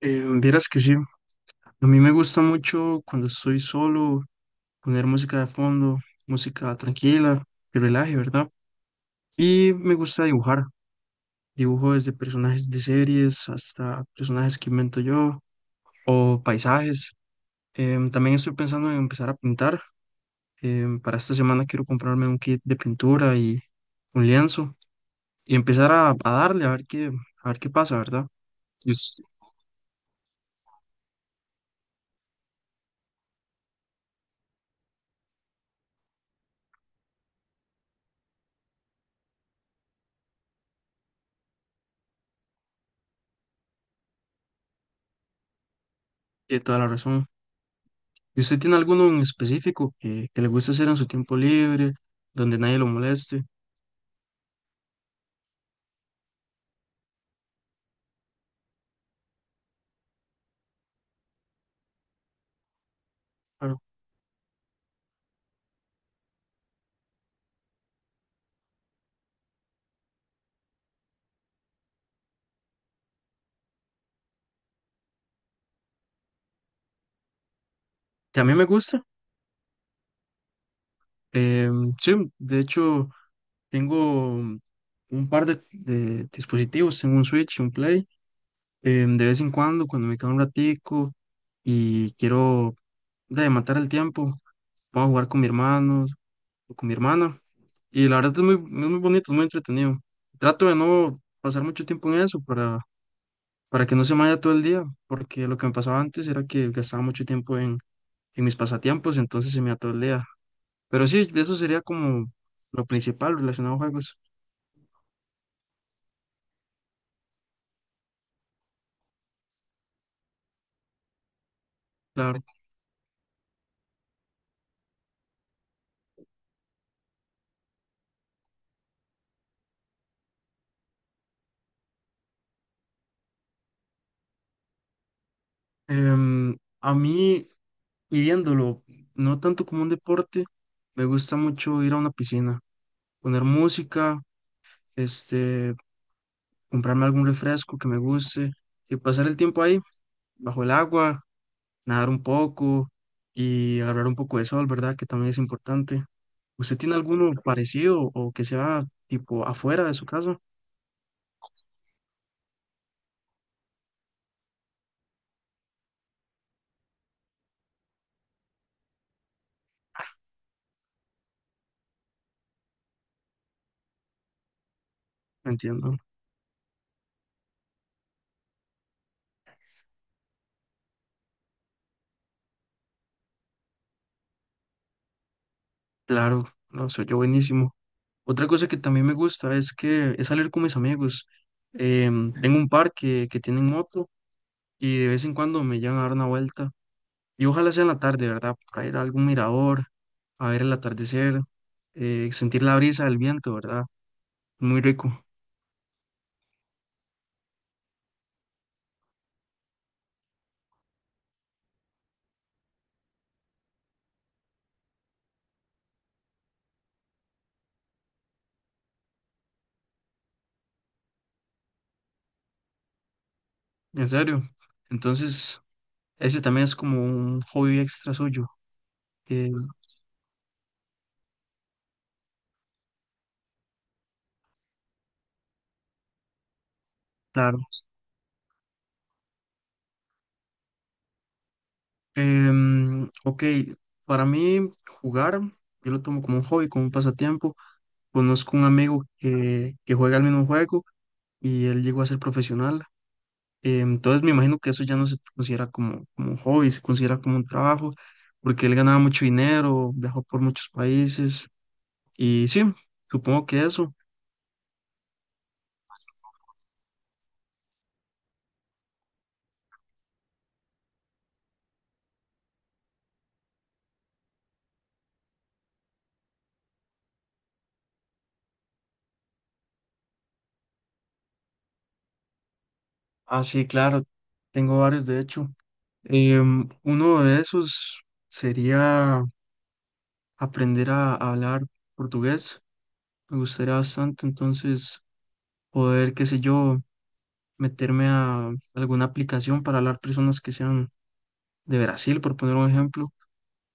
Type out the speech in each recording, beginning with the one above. Vieras que sí, a mí me gusta mucho cuando estoy solo poner música de fondo, música tranquila, que relaje, ¿verdad? Y me gusta dibujar, dibujo desde personajes de series hasta personajes que invento yo o paisajes. También estoy pensando en empezar a pintar. Para esta semana quiero comprarme un kit de pintura y un lienzo y empezar a darle a ver a ver qué pasa, ¿verdad? Y usted tiene toda la razón. ¿Y usted tiene alguno en específico que le guste hacer en su tiempo libre, donde nadie lo moleste? Claro. Que a mí me gusta. Sí, de hecho, tengo un par de dispositivos, tengo un Switch, un Play. De vez en cuando, cuando me queda un ratico y quiero de matar el tiempo, puedo jugar con mi hermano o con mi hermana. Y la verdad es es muy bonito, es muy entretenido. Trato de no pasar mucho tiempo en eso para que no se me vaya todo el día, porque lo que me pasaba antes era que gastaba mucho tiempo en mis pasatiempos, entonces se me iba todo el día. Pero sí, de eso sería como lo principal relacionado a juegos, claro. Em, a mí, y viéndolo, no tanto como un deporte, me gusta mucho ir a una piscina, poner música, este, comprarme algún refresco que me guste y pasar el tiempo ahí, bajo el agua nadar un poco y agarrar un poco de sol, ¿verdad? Que también es importante. ¿Usted tiene alguno parecido o que sea tipo afuera de su casa? Entiendo. Claro, no, soy yo buenísimo. Otra cosa que también me gusta es que es salir con mis amigos. Tengo un par que tienen moto y de vez en cuando me llevan a dar una vuelta. Y ojalá sea en la tarde, ¿verdad? Para ir a algún mirador, a ver el atardecer, sentir la brisa del viento, ¿verdad? Muy rico, en serio. Entonces, ese también es como un hobby extra suyo. eh, claro. Ok, para mí jugar, yo lo tomo como un hobby, como un pasatiempo. Conozco un amigo que juega el mismo juego y él llegó a ser profesional. Entonces me imagino que eso ya no se considera como un hobby, se considera como un trabajo, porque él ganaba mucho dinero, viajó por muchos países y sí, supongo que eso. Ah, sí, claro, tengo varios de hecho. Uno de esos sería aprender a hablar portugués. Me gustaría bastante entonces poder, qué sé yo, meterme a alguna aplicación para hablar personas que sean de Brasil, por poner un ejemplo.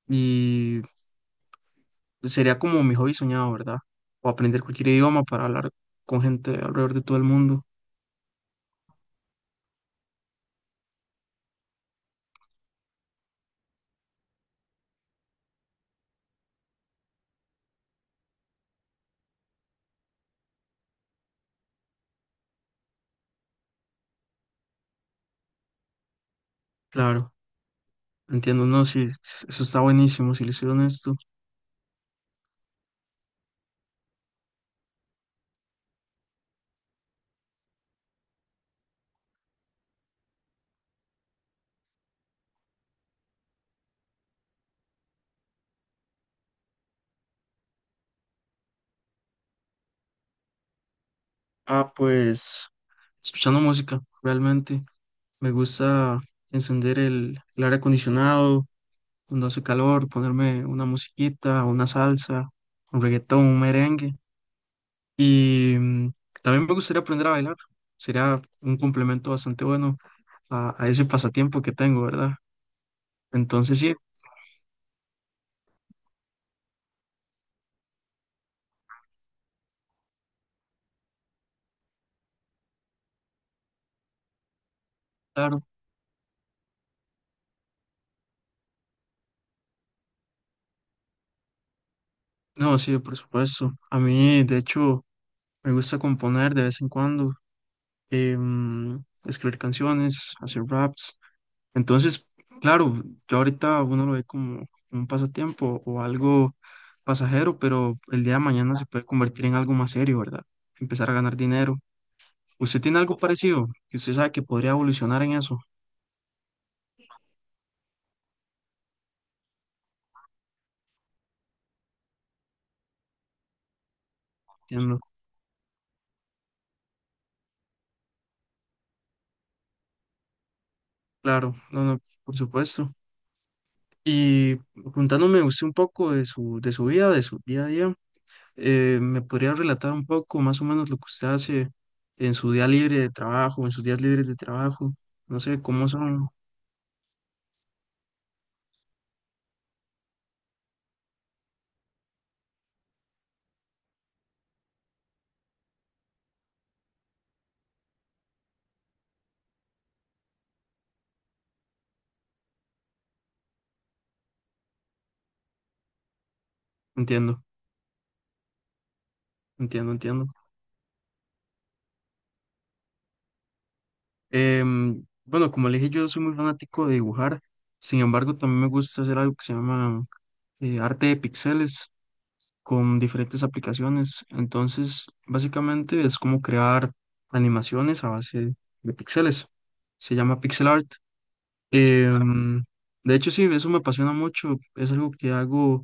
Y sería como mi hobby soñado, ¿verdad? O aprender cualquier idioma para hablar con gente alrededor de todo el mundo. Claro, entiendo, no, sí, eso está buenísimo, si le soy honesto. Ah, pues escuchando música, realmente. Me gusta encender el aire acondicionado cuando hace calor, ponerme una musiquita, una salsa, un reggaetón, un merengue. Y también me gustaría aprender a bailar. Sería un complemento bastante bueno a ese pasatiempo que tengo, ¿verdad? Entonces sí, claro. No, sí, por supuesto. A mí, de hecho, me gusta componer de vez en cuando, em, escribir canciones, hacer raps. Entonces, claro, yo ahorita uno lo ve como un pasatiempo o algo pasajero, pero el día de mañana se puede convertir en algo más serio, ¿verdad? Empezar a ganar dinero. ¿Usted tiene algo parecido? Que usted sabe que podría evolucionar en eso. Entiendo. Claro, no, no, por supuesto. Y contándome usted un poco de de su vida, de su día a día, ¿me podría relatar un poco más o menos lo que usted hace en su día libre de trabajo, en sus días libres de trabajo? No sé cómo son. Entiendo, entiendo. Bueno, como le dije, yo soy muy fanático de dibujar, sin embargo, también me gusta hacer algo que se llama arte de píxeles con diferentes aplicaciones. Entonces, básicamente es como crear animaciones a base de píxeles. Se llama pixel art. Em, de hecho, sí, eso me apasiona mucho. Es algo que hago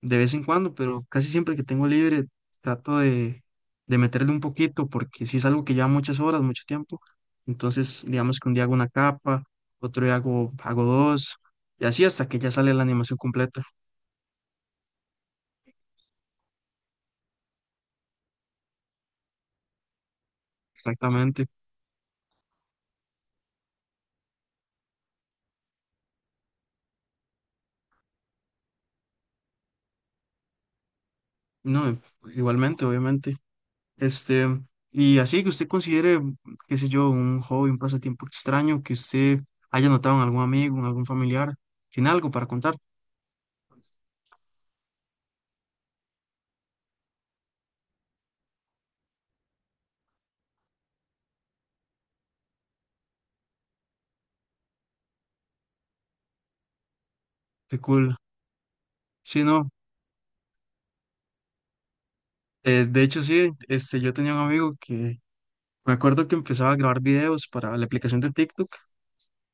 de vez en cuando, pero casi siempre que tengo libre trato de meterle un poquito porque si es algo que lleva muchas horas, mucho tiempo, entonces digamos que un día hago una capa, otro día hago dos y así hasta que ya sale la animación completa, exactamente. No, igualmente, obviamente. Este, y así que usted considere, qué sé yo, un hobby, un pasatiempo extraño que usted haya notado en algún amigo, en algún familiar, tiene algo para contar, qué cool. Sí, no. De hecho, sí, este, yo tenía un amigo que me acuerdo que empezaba a grabar videos para la aplicación de TikTok,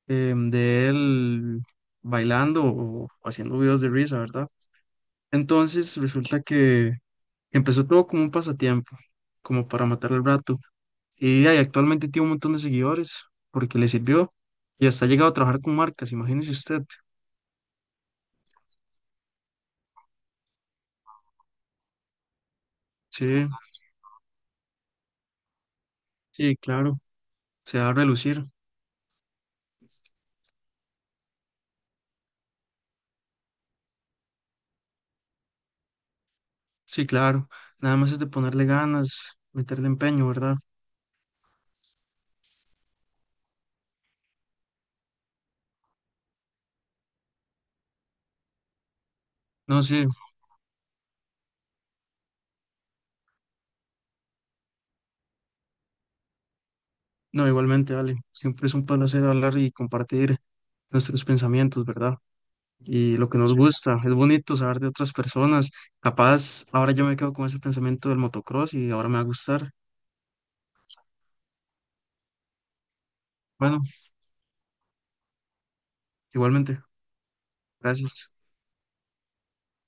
de él bailando o haciendo videos de risa, ¿verdad? Entonces resulta que empezó todo como un pasatiempo, como para matar el rato. Y ahí actualmente tiene un montón de seguidores porque le sirvió y hasta ha llegado a trabajar con marcas, imagínese usted. Sí, sí, claro, se va a relucir. Sí, claro, nada más es de ponerle ganas, meterle empeño, ¿verdad? No, sí, no, igualmente, Ale. Siempre es un placer hablar y compartir nuestros pensamientos, ¿verdad? Y lo que nos gusta. Es bonito saber de otras personas. Capaz, ahora yo me quedo con ese pensamiento del motocross y ahora me va a gustar. Bueno, igualmente. Gracias.